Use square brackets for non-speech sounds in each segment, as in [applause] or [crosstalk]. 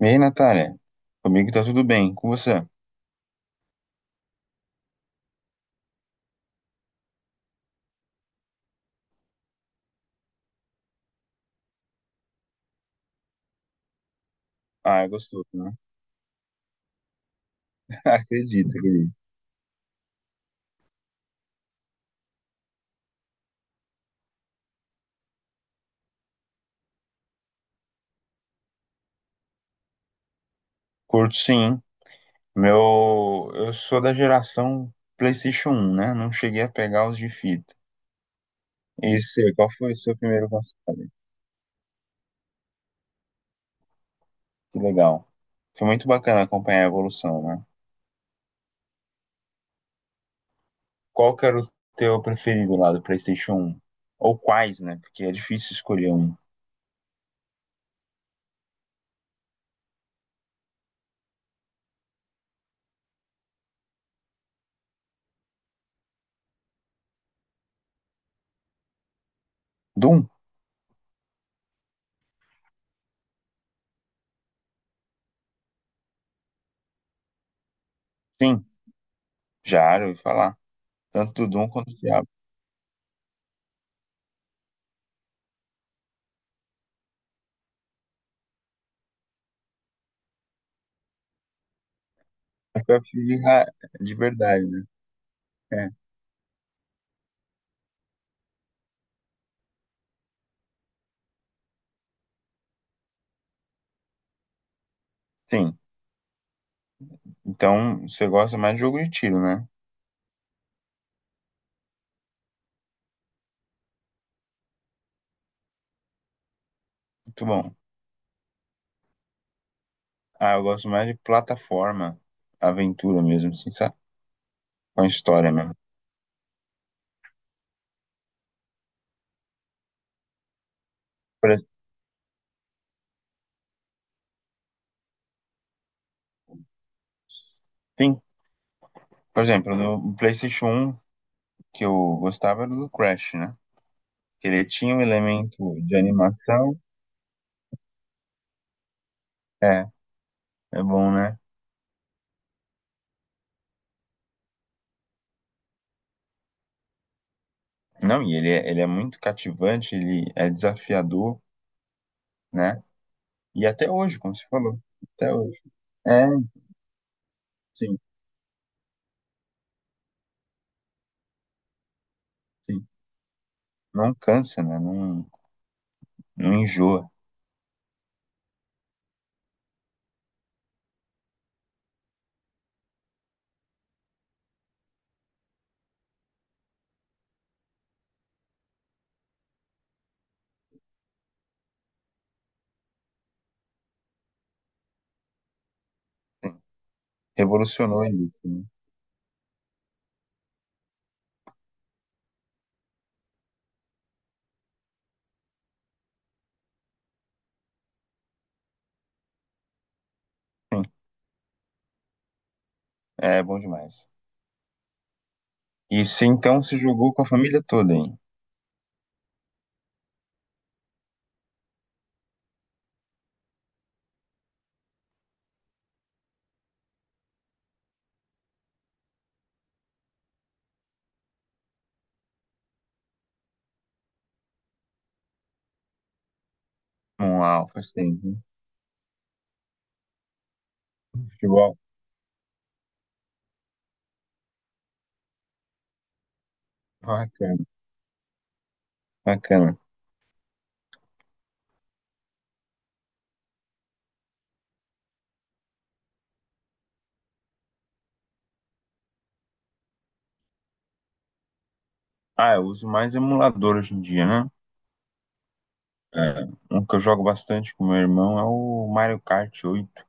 E aí, Natália? Comigo tá tudo bem, com você? Ah, é gostoso, né? [laughs] Acredito, acredito. Curto sim. Meu, eu sou da geração PlayStation um, né? Não cheguei a pegar os de fita. E você, qual foi o seu primeiro console? Que legal. Foi muito bacana acompanhar a evolução, né? Qual que era o teu preferido lá do PlayStation um? Ou quais, né? Porque é difícil escolher um. Doom? Sim, já era, eu ouvi falar. Tanto do Doom quanto do Diablo. Acho que Eu prefiro ra- de verdade, né? É, sim. Então, você gosta mais de jogo de tiro, né? Muito bom. Ah, eu gosto mais de plataforma, aventura mesmo, assim, sabe? Com a história mesmo. Por, ex- sim, por exemplo, no PlayStation um que eu gostava era do Crash, né? Que ele tinha um elemento de animação. É, é bom, né? Não, e ele é muito cativante, ele é desafiador, né? E até hoje, como você falou, até hoje. É, sim, sim. Não cansa, né? Não, não enjoa. Revolucionou isso, né? É bom demais. E se então se jogou com a família toda, hein? Uau, faz tempo, hein? Futebol, bacana, bacana. Ah, eu uso mais emulador hoje em dia, né? É, um que eu jogo bastante com meu irmão é o Mario Kart 8.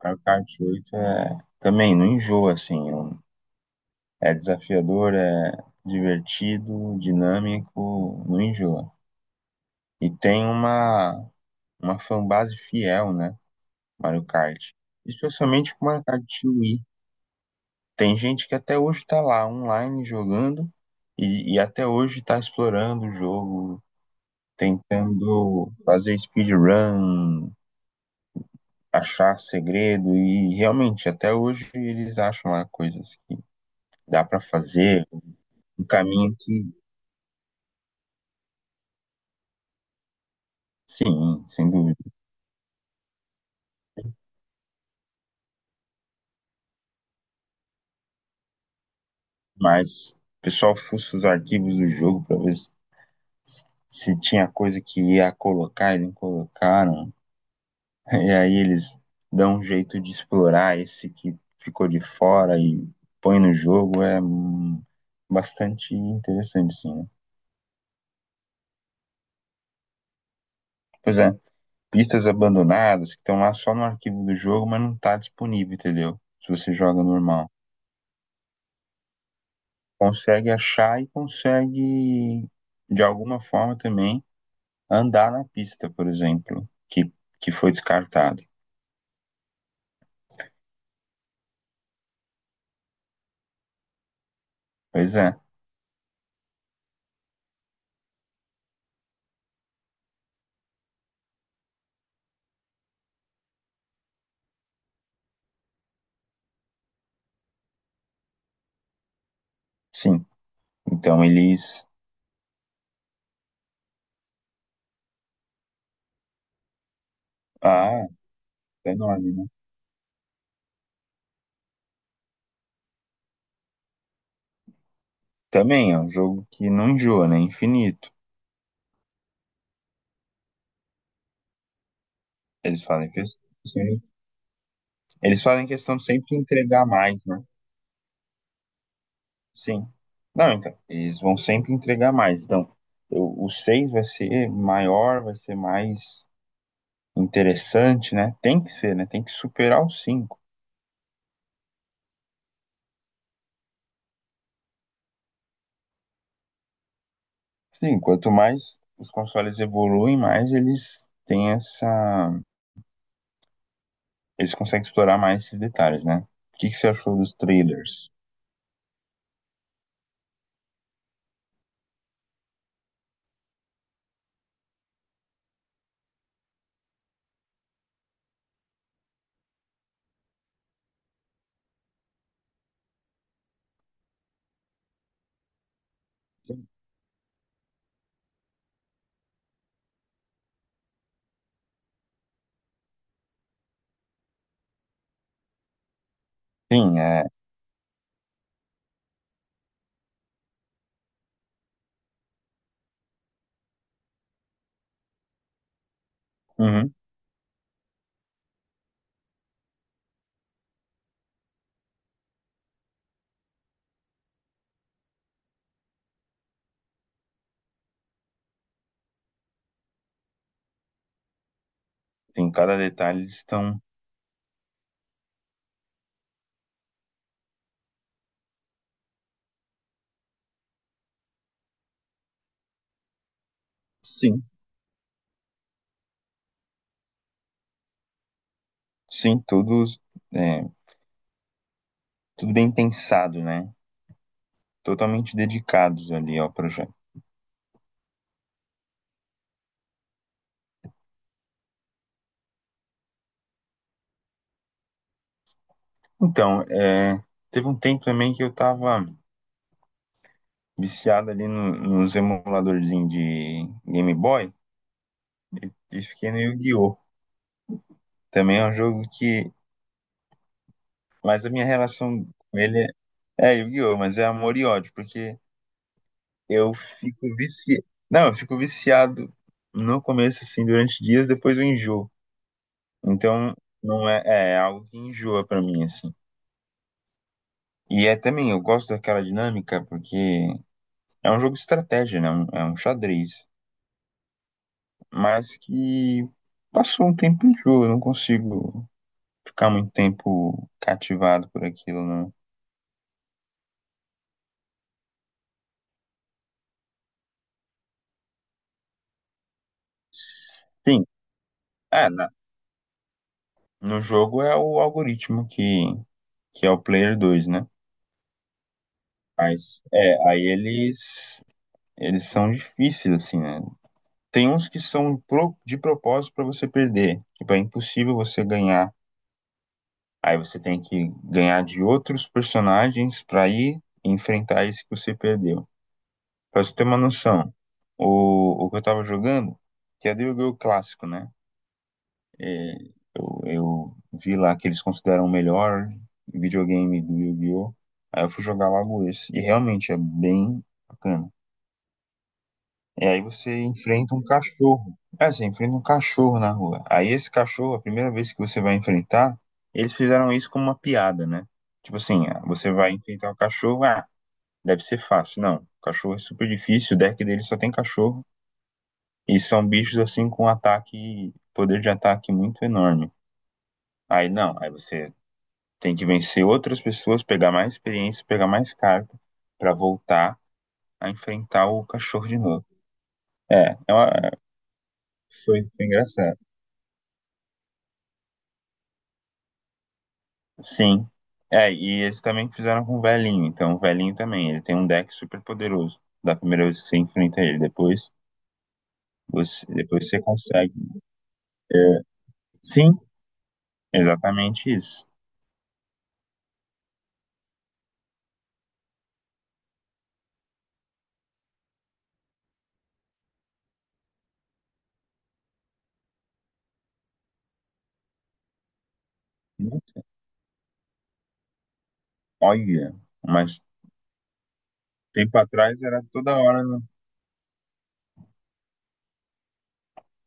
Mario Kart 8 é, também não enjoa, assim. É desafiador, é divertido, dinâmico, não enjoa. E tem uma fanbase fiel, né? Mario Kart. Especialmente com o Mario Kart Wii. Tem gente que até hoje está lá online jogando e até hoje está explorando o jogo, tentando fazer speedrun, achar segredo e realmente até hoje eles acham lá coisas que dá para fazer, um caminho que, sim, sem dúvida, mas o pessoal fuça os arquivos do jogo para ver se, se tinha coisa que ia colocar e não colocaram. E aí eles dão um jeito de explorar esse que ficou de fora e põe no jogo. É bastante interessante, sim, né? Pois é, pistas abandonadas que estão lá só no arquivo do jogo, mas não tá disponível, entendeu? Se você joga normal. Consegue achar e consegue, de alguma forma também, andar na pista, por exemplo, que foi descartada. Pois é, sim. Então eles. Ah, é enorme, né? Também é um jogo que não enjoa, né? É infinito. Eles fazem questão, eles fazem questão de sempre entregar mais, né? Sim. Não, então, eles vão sempre entregar mais. Então, o 6 vai ser maior, vai ser mais interessante, né? Tem que ser, né? Tem que superar o cinco. Sim, quanto mais os consoles evoluem, mais eles têm essa. Eles conseguem explorar mais esses detalhes, né? O que que você achou dos trailers? Sim, é. Uhum. Em cada detalhe eles estão. Sim, sim, todos, é, tudo bem pensado, né? Totalmente dedicados ali ao projeto. Então, é, teve um tempo também que eu tava viciado ali nos emuladorzinhos de Game Boy e fiquei no Yu-Gi-Oh! Também é um jogo que. Mas a minha relação com ele é Yu-Gi-Oh! Mas é amor e ódio, porque eu fico viciado. Não, eu fico viciado no começo, assim, durante dias, depois eu enjoo. Então, não é é algo que enjoa pra mim, assim. E é também, eu gosto daquela dinâmica porque é um jogo de estratégia, né? É um xadrez, mas que passou um tempo em jogo, eu não consigo ficar muito tempo cativado por aquilo, não. Sim, é, no jogo é o algoritmo que é o player dois, né? Mas é, aí eles são difíceis assim, né? Tem uns que são de propósito pra você perder, tipo, é impossível você ganhar. Aí você tem que ganhar de outros personagens para ir enfrentar esse que você perdeu. Pra você ter uma noção, o que eu tava jogando, que é do jogo clássico, né? É, eu vi lá que eles consideram o melhor videogame do Yu-Gi-Oh! Aí eu fui jogar logo esse. E realmente é bem bacana. E aí você enfrenta um cachorro. É, você enfrenta um cachorro na rua. Aí esse cachorro, a primeira vez que você vai enfrentar, eles fizeram isso como uma piada, né? Tipo assim, ah, você vai enfrentar o cachorro, ah, deve ser fácil. Não, o cachorro é super difícil, o deck dele só tem cachorro. E são bichos assim com ataque, poder de ataque muito enorme. Aí não, aí você tem que vencer outras pessoas, pegar mais experiência, pegar mais carta pra voltar a enfrentar o cachorro de novo. É, foi engraçado. Sim. É, e eles também fizeram com o velhinho. Então, o velhinho também, ele tem um deck super poderoso. Da primeira vez que você enfrenta ele. Depois depois você consegue. É, sim, exatamente isso. Olha, mas tempo atrás era toda hora no...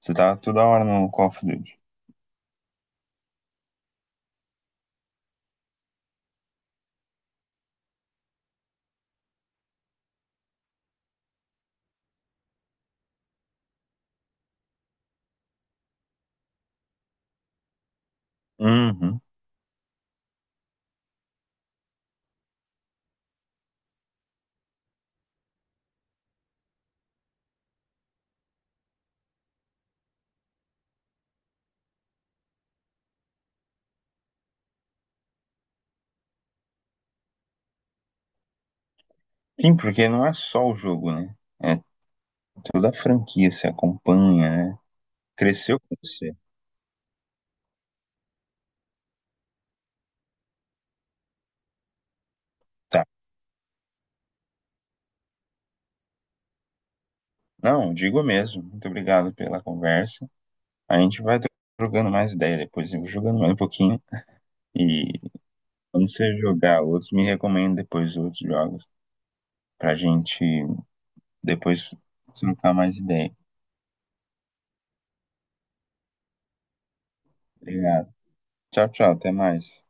Você tava toda hora no Call of Duty. Uhum. Sim, porque não é só o jogo, né? É toda a franquia, se acompanha, né? Cresceu com você. Tá. Não, digo mesmo. Muito obrigado pela conversa. A gente vai jogando mais ideia depois, eu vou jogando mais um pouquinho. E quando você jogar outros, me recomenda depois outros jogos, pra gente depois trocar mais ideia. Obrigado. Tchau, tchau, até mais.